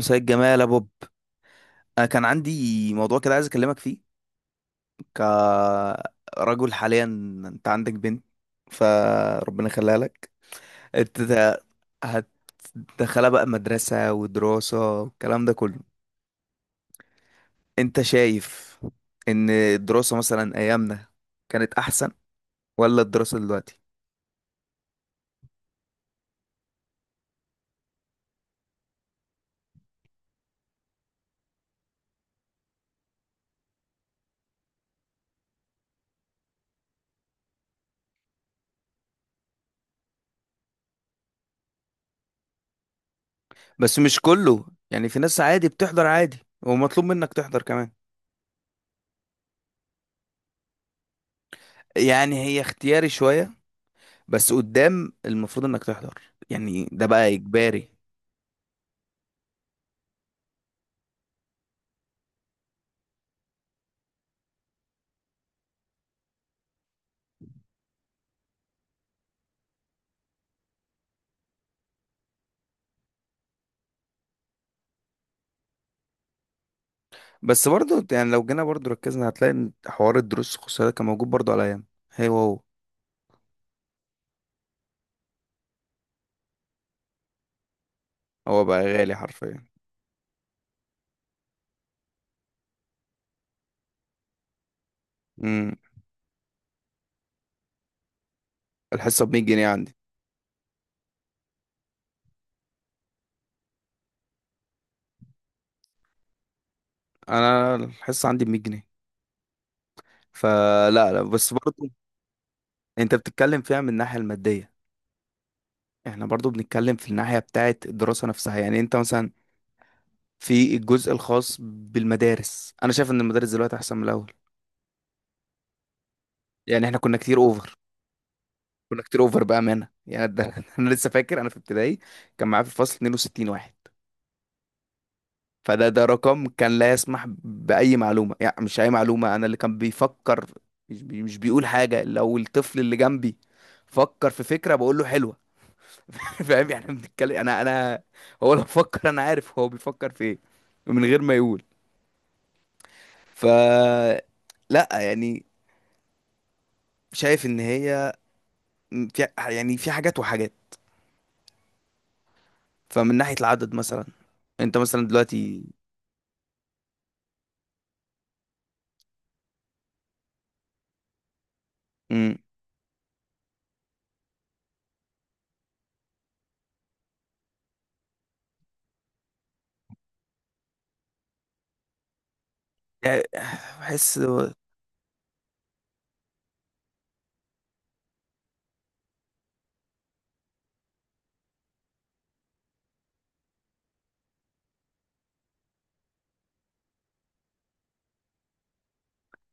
سيد جمال يا بوب. انا كان عندي موضوع كده عايز اكلمك فيه كرجل حاليا. انت عندك بنت، فربنا يخليها لك. انت ت- هتدخلها بقى مدرسة ودراسة والكلام ده كله. انت شايف ان الدراسة مثلا ايامنا كانت احسن ولا الدراسة دلوقتي؟ بس مش كله، يعني في ناس عادي بتحضر عادي ومطلوب منك تحضر كمان. يعني هي اختياري شوية بس قدام المفروض انك تحضر، يعني ده بقى اجباري. بس برضو يعني لو جينا برضو ركزنا هتلاقي ان حوار الدروس الخصوصية ده كان موجود برضو على ايام. هو هو بقى غالي حرفيا. امم. الحصة ب 100 جنيه عندي. انا الحصة عندي ب 100 جنيه. فلا لا، بس برضو انت بتتكلم فيها من الناحية المادية، احنا برضو بنتكلم في الناحية بتاعة الدراسة نفسها. يعني انت مثلا في الجزء الخاص بالمدارس انا شايف ان المدارس دلوقتي احسن من الاول. يعني احنا كنا كتير اوفر بأمانة. يعني ده انا لسه فاكر انا في ابتدائي كان معايا في الفصل 62 واحد. فده رقم كان لا يسمح بأي معلومة، يعني مش أي معلومة. أنا اللي كان بيفكر مش بيقول حاجة، لو الطفل اللي جنبي فكر في فكرة بقول له حلوة فاهم يعني؟ بنتكلم أنا هو لو فكر أنا عارف هو بيفكر في إيه من غير ما يقول. ف لا يعني، شايف إن هي، في يعني في حاجات وحاجات. فمن ناحية العدد مثلا أنت مثلا دلوقتي، مم، يعني بحس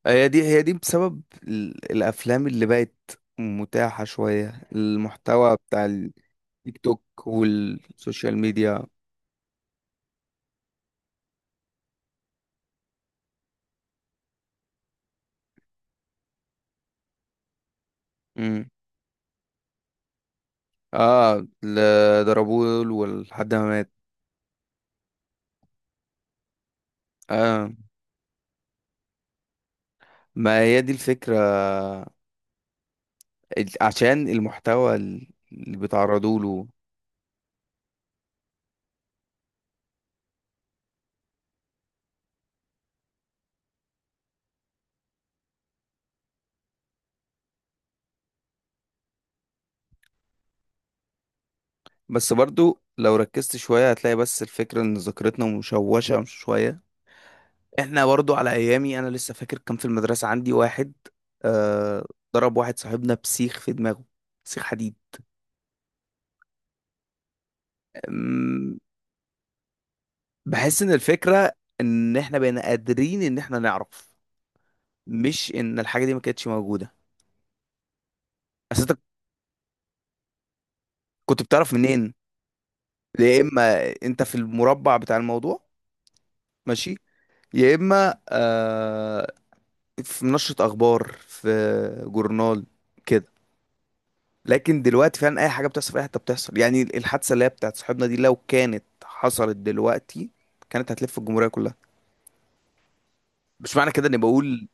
هي دي بسبب الافلام اللي بقت متاحة شوية، المحتوى بتاع التيك توك والسوشيال ميديا. امم. اه، ضربوه ولحد ما مات. اه، ما هي دي الفكرة، عشان المحتوى اللي بيتعرضوا له. بس برضو لو ركزت شوية هتلاقي بس الفكرة ان ذاكرتنا مشوشة شوية. احنا برضو على ايامي انا لسه فاكر كان في المدرسه عندي واحد، آه، ضرب واحد صاحبنا بسيخ في دماغه، سيخ حديد. أم، بحس ان الفكره ان احنا بقينا قادرين ان احنا نعرف، مش ان الحاجه دي ما كانتش موجوده. بس انت كنت بتعرف منين؟ يا اما انت في المربع بتاع الموضوع، ماشي، يا اما آه في نشره اخبار، في جورنال كده. لكن دلوقتي فعلا اي حاجه بتحصل في اي حته بتحصل، يعني الحادثه اللي هي بتاعت صاحبنا دي لو كانت حصلت دلوقتي كانت هتلف الجمهوريه كلها. مش معنى كده اني بقول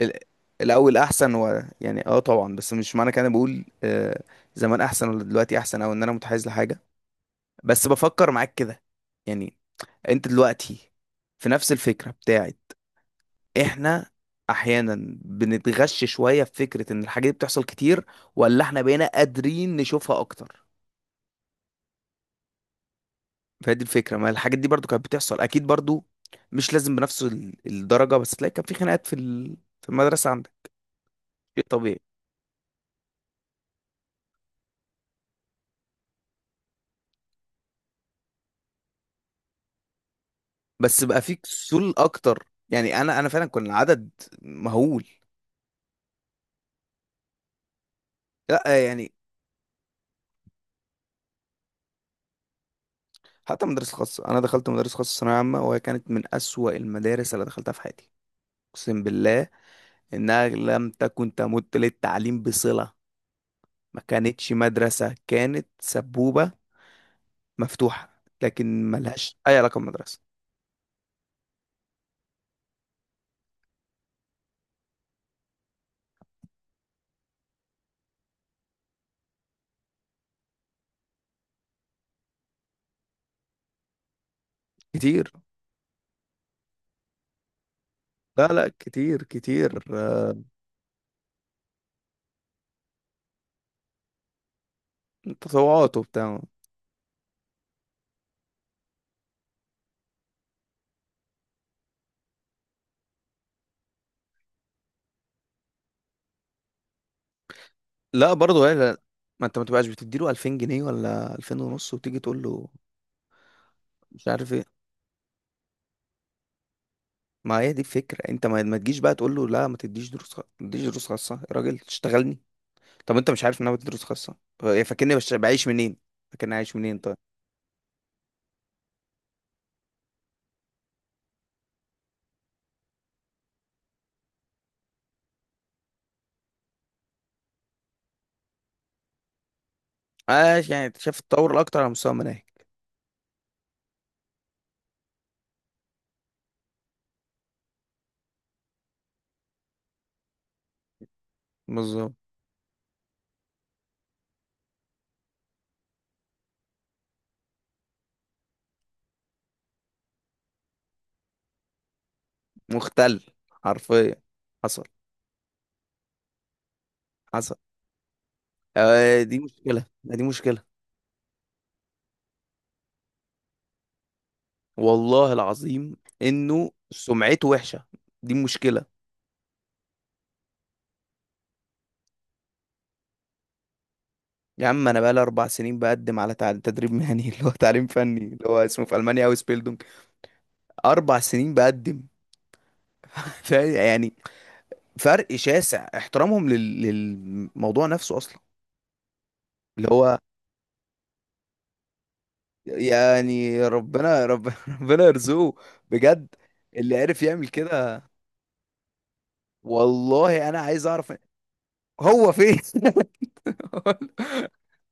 ال- الاول احسن و يعني اه طبعا، بس مش معنى كده اني بقول آه زمان احسن ولا دلوقتي احسن، او ان انا متحيز لحاجه، بس بفكر معاك كده. يعني انت دلوقتي في نفس الفكره بتاعت احنا احيانا بنتغش شويه في فكره ان الحاجه دي بتحصل كتير، ولا احنا بقينا قادرين نشوفها اكتر؟ فهي دي الفكره، ما الحاجات دي برضو كانت بتحصل اكيد برضو، مش لازم بنفس الدرجه، بس تلاقي كان في خناقات في في المدرسه عندك، شيء طبيعي. بس بقى في كسول اكتر، يعني انا فعلا كنا عدد مهول. لا يعني حتى مدرسه خاصه، انا دخلت مدرسه خاصه ثانويه عامه وهي كانت من اسوأ المدارس اللي دخلتها في حياتي. اقسم بالله انها لم تكن تمت للتعليم بصله. ما كانتش مدرسه، كانت سبوبه مفتوحه لكن ملهاش اي علاقه بالمدرسه. كتير، لا لا كتير كتير، آه، تطوعات وبتاع. لا، برضه هي لا. ما انت ما تبقاش بتديله 2000 جنيه ولا 2000 ونص وتيجي تقول له مش عارف ايه. ما هي دي الفكره، انت ما تجيش بقى تقول له لا ما تديش دروس خاصه يا راجل، تشتغلني؟ طب انت مش عارف ان انا بدي دروس خاصه؟ فاكرني بعيش منين؟ فاكرني عايش منين طيب؟ عايش يعني. انت شايف التطور الاكتر على مستوى المناهج. بالظبط. مختل حرفيا، حصل، حصل. آه، دي مشكله، دي مشكله. والله العظيم انه سمعته وحشه. دي مشكله. يا عم انا بقالي 4 سنين بقدم على تدريب مهني اللي هو تعليم فني، اللي هو اسمه في المانيا اوس بيلدونج. 4 سنين بقدم يعني فرق شاسع احترامهم للموضوع نفسه اصلا. اللي هو يعني ربنا يرزقه بجد. اللي عرف يعمل كده، والله انا عايز اعرف هو فين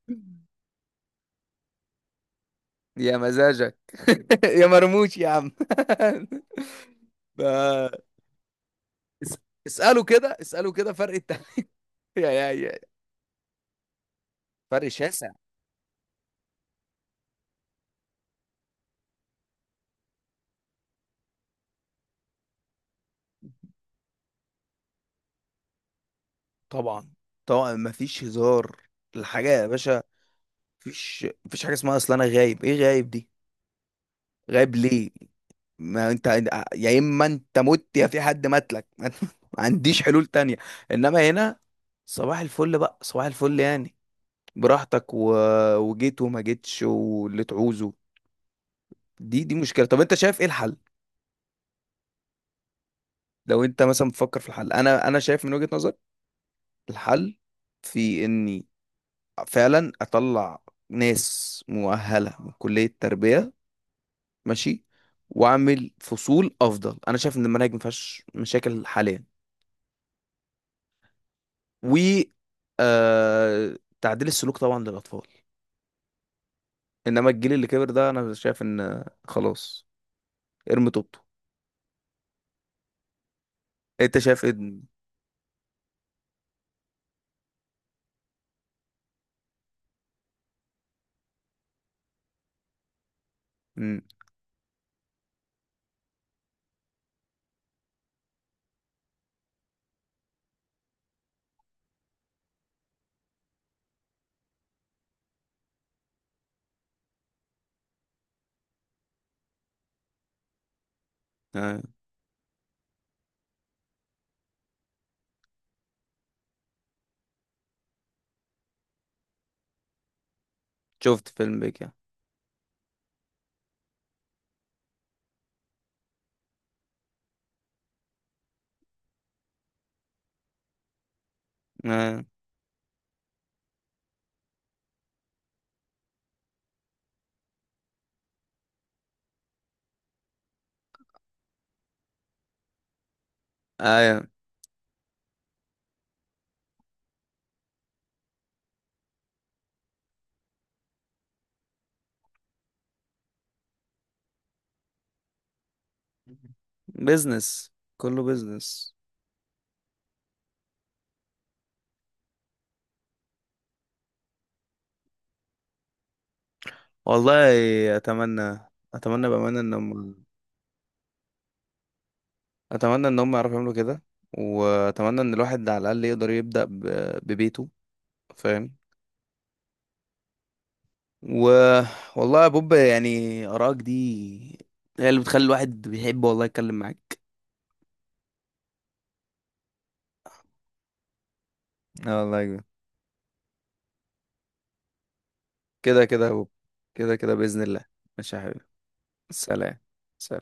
يا مزاجك يا مرموش يا عم ف- اس- اسأله كده، اسأله كده، فرق التعليم يا فرق شاسع. طبعا طبعا، مفيش هزار الحاجة يا باشا. مفيش حاجة اسمها اصل انا غايب، ايه غايب دي؟ غايب ليه؟ ما انت يا اما انت مت، يا في حد ماتلك ما عنديش حلول تانية. انما هنا صباح الفل بقى، صباح الفل يعني، براحتك و... وجيت وما جيتش واللي تعوزه. دي مشكلة. طب انت شايف ايه الحل؟ لو انت مثلا بتفكر في الحل انا شايف من وجهة نظر الحل في اني فعلا اطلع ناس مؤهلة من كلية التربية، ماشي، واعمل فصول افضل. انا شايف ان المناهج ما فيهاش مشاكل حاليا، و تعديل السلوك طبعا للاطفال. انما الجيل اللي كبر ده انا شايف ان خلاص، ارمي طوبته. انت شايف ايه؟ مم. آه. شفت فيلم بيك يعني. آه. آه. بيزنس، كله بيزنس. والله، اتمنى، اتمنى بامانه ان هم، اتمنى ان هم يعرفوا يعملوا كده، واتمنى ان الواحد على الاقل يقدر يبدا ببيته. فاهم. و والله يا بوب، يعني ارائك دي هي اللي بتخلي الواحد بيحب والله يتكلم معاك. اه والله كده كده يا بوب، كده كده باذن الله. ماشي يا حبيبي. سلام، سلام.